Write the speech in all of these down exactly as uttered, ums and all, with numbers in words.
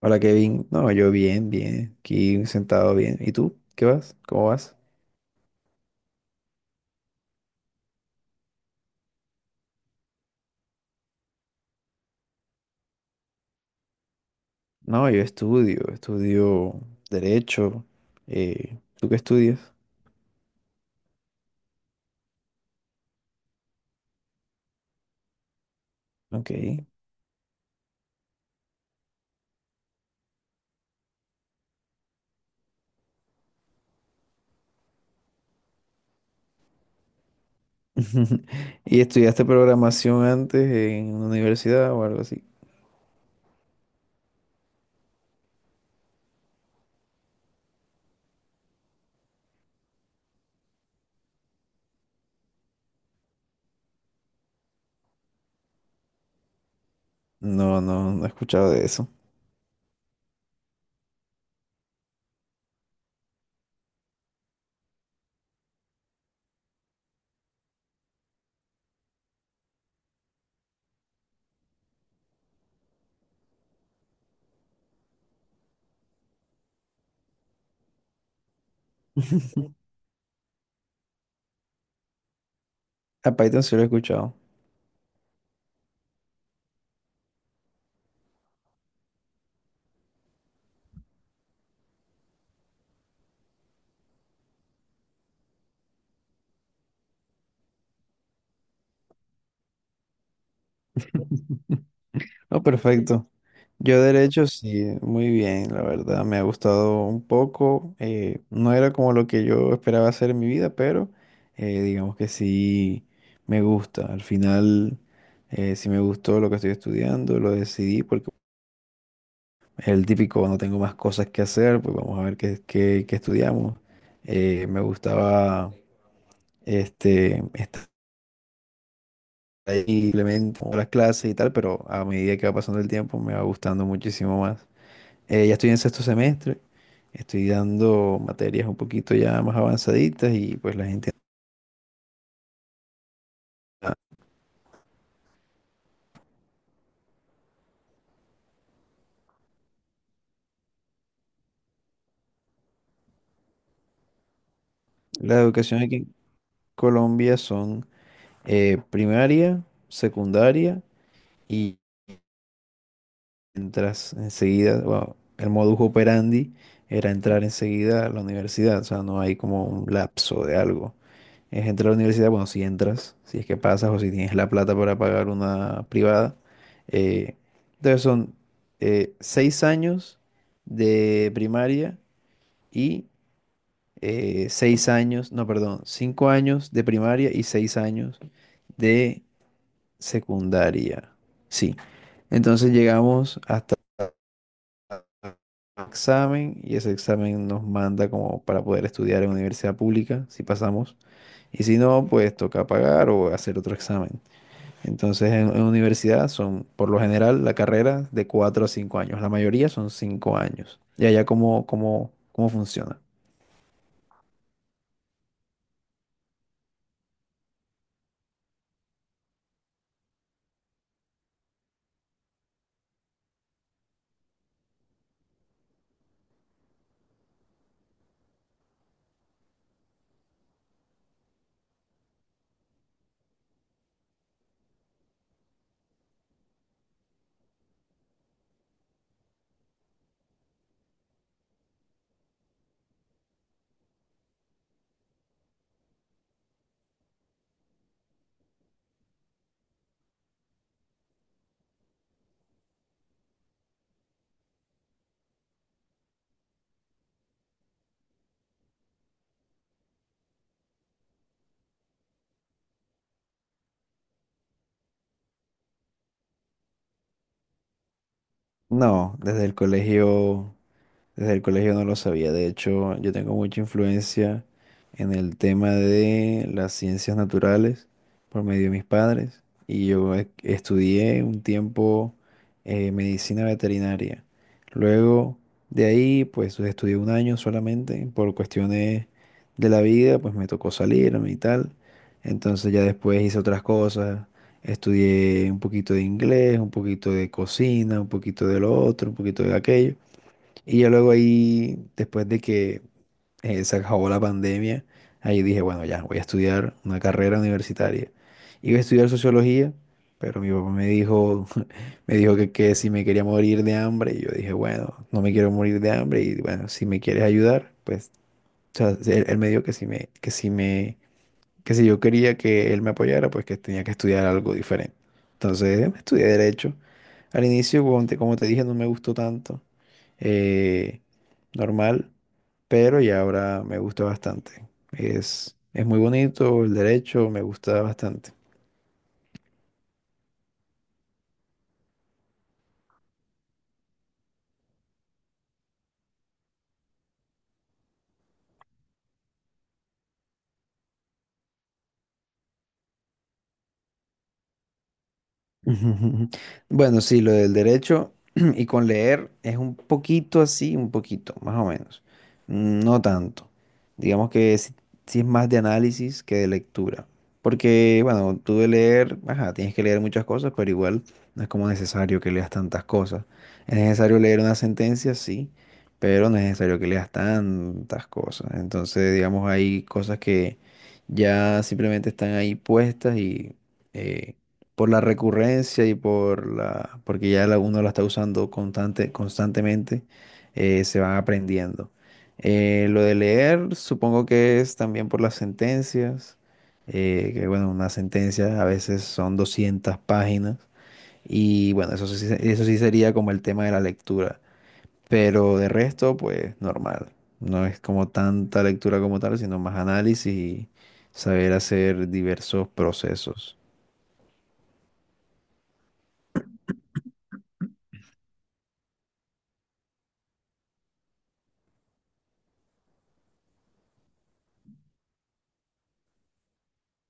Hola Kevin, no, yo bien, bien, aquí sentado bien. ¿Y tú? ¿Qué vas? ¿Cómo vas? No, yo estudio, estudio derecho. Eh, ¿tú qué estudias? Ok. ¿Y estudiaste programación antes en una universidad o algo así? No, no, no he escuchado de eso. A Python sí lo he escuchado. No, perfecto. Yo derecho sí, muy bien, la verdad. Me ha gustado un poco. Eh, no era como lo que yo esperaba hacer en mi vida, pero eh, digamos que sí me gusta. Al final, eh, sí me gustó lo que estoy estudiando. Lo decidí porque el típico no tengo más cosas que hacer, pues vamos a ver qué, qué, qué estudiamos. Eh, me gustaba este, estar ahí simplemente con las clases y tal, pero a medida que va pasando el tiempo me va gustando muchísimo más. Eh, ya estoy en sexto semestre, estoy dando materias un poquito ya más avanzaditas y pues la gente... La educación aquí en Colombia son eh, primaria, secundaria, y entras enseguida. Bueno, el modus operandi era entrar enseguida a la universidad, o sea, no hay como un lapso de algo. Es entrar a la universidad, bueno, si entras, si es que pasas o si tienes la plata para pagar una privada. eh, entonces son eh, seis años de primaria y eh, seis años, no, perdón, cinco años de primaria y seis años de secundaria. Sí. Entonces llegamos hasta examen, y ese examen nos manda como para poder estudiar en universidad pública, si pasamos. Y si no, pues toca pagar o hacer otro examen. Entonces, en, en universidad son, por lo general, la carrera de cuatro a cinco años. La mayoría son cinco años. ¿Y allá cómo, cómo, cómo funciona? No, desde el colegio Desde el colegio no lo sabía. De hecho, yo tengo mucha influencia en el tema de las ciencias naturales por medio de mis padres. Y yo e- estudié un tiempo eh, medicina veterinaria. Luego de ahí, pues estudié un año solamente por cuestiones de la vida, pues me tocó salirme y tal. Entonces ya después hice otras cosas. Estudié un poquito de inglés, un poquito de cocina, un poquito de lo otro, un poquito de aquello. Y yo luego ahí, después de que eh, se acabó la pandemia, ahí dije, bueno, ya, voy a estudiar una carrera universitaria. Iba a estudiar sociología, pero mi papá me dijo, me dijo que, que si me quería morir de hambre, y yo dije, bueno, no me quiero morir de hambre, y bueno, si me quieres ayudar, pues, o sea, él, él me dijo que si me, que si me, que si yo quería que él me apoyara, pues que tenía que estudiar algo diferente. Entonces, estudié derecho. Al inicio, como te, como te dije, no me gustó tanto, eh, normal, pero ya ahora me gusta bastante. Es, es muy bonito el derecho, me gusta bastante. Ujú, ujú. Ujú. Bueno, sí, lo del derecho y con leer es un poquito así, un poquito, más o menos. Mm, no tanto. Digamos que sí, sí es más de análisis que de lectura. Porque, bueno, tú de leer, ajá, tienes que leer muchas cosas, pero igual no es como necesario que leas tantas cosas. Es necesario leer una sentencia, sí, pero no es necesario que leas tantas cosas. Entonces, digamos, hay cosas que ya simplemente están ahí puestas y... eh, por la recurrencia y por la, porque ya la, uno la está usando constante, constantemente, eh, se van aprendiendo. Eh, lo de leer, supongo que es también por las sentencias, eh, que bueno, una sentencia a veces son doscientas páginas, y bueno, eso sí, se- eso sí sería como el tema de la lectura, pero de resto, pues normal. No es como tanta lectura como tal, sino más análisis y saber hacer diversos procesos.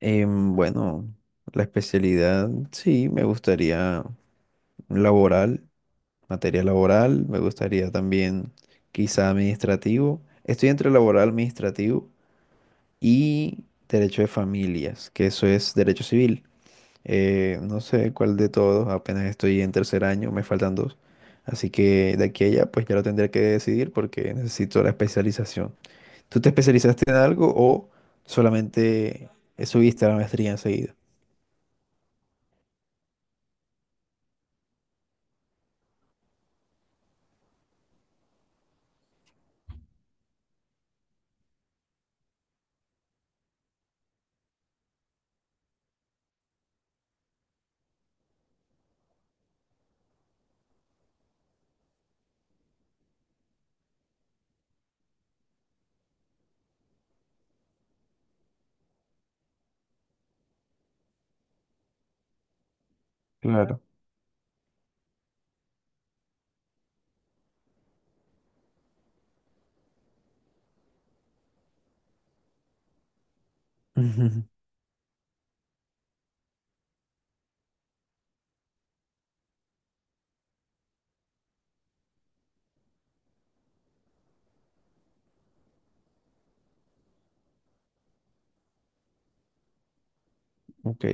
Em, bueno, la especialidad, sí, me gustaría laboral, materia laboral, me gustaría también quizá administrativo. Estoy entre laboral, administrativo y derecho de familias, que eso es derecho civil. Eh, no sé cuál de todos, apenas estoy en tercer año, me faltan dos. Así que de aquí a allá, pues ya lo tendré que decidir porque necesito la especialización. ¿Tú te especializaste en algo o solamente subiste a la maestría enseguida? Ujú. Ok.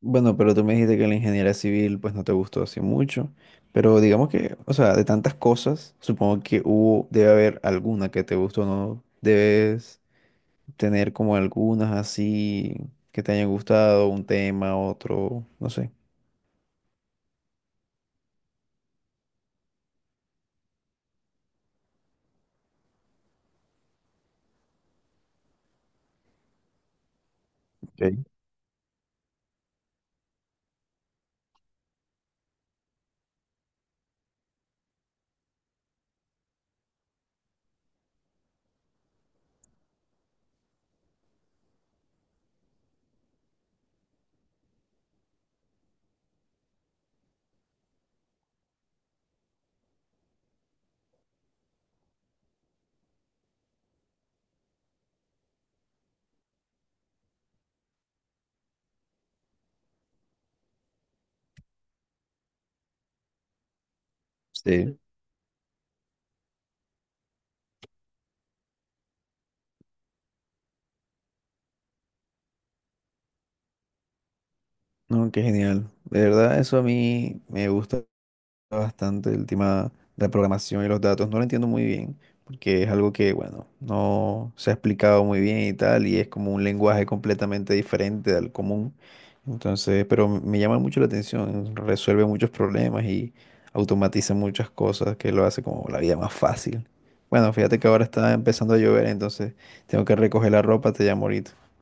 Bueno, pero tú me dijiste que la ingeniería civil pues no te gustó así mucho, pero digamos que, o sea, de tantas cosas, supongo que hubo, debe haber alguna que te gustó, ¿no? Debes tener como algunas así que te hayan gustado, un tema, otro, no sé. Ok. Sí. No, qué genial. De verdad, eso a mí me gusta bastante, el tema de la programación y los datos. No lo entiendo muy bien, porque es algo que, bueno, no se ha explicado muy bien y tal, y es como un lenguaje completamente diferente al común. Entonces, pero m- me llama mucho la atención, resuelve muchos problemas y automatiza muchas cosas que lo hace como la vida más fácil. Bueno, fíjate que ahora está empezando a llover, entonces tengo que recoger la ropa, te llamo ahorita.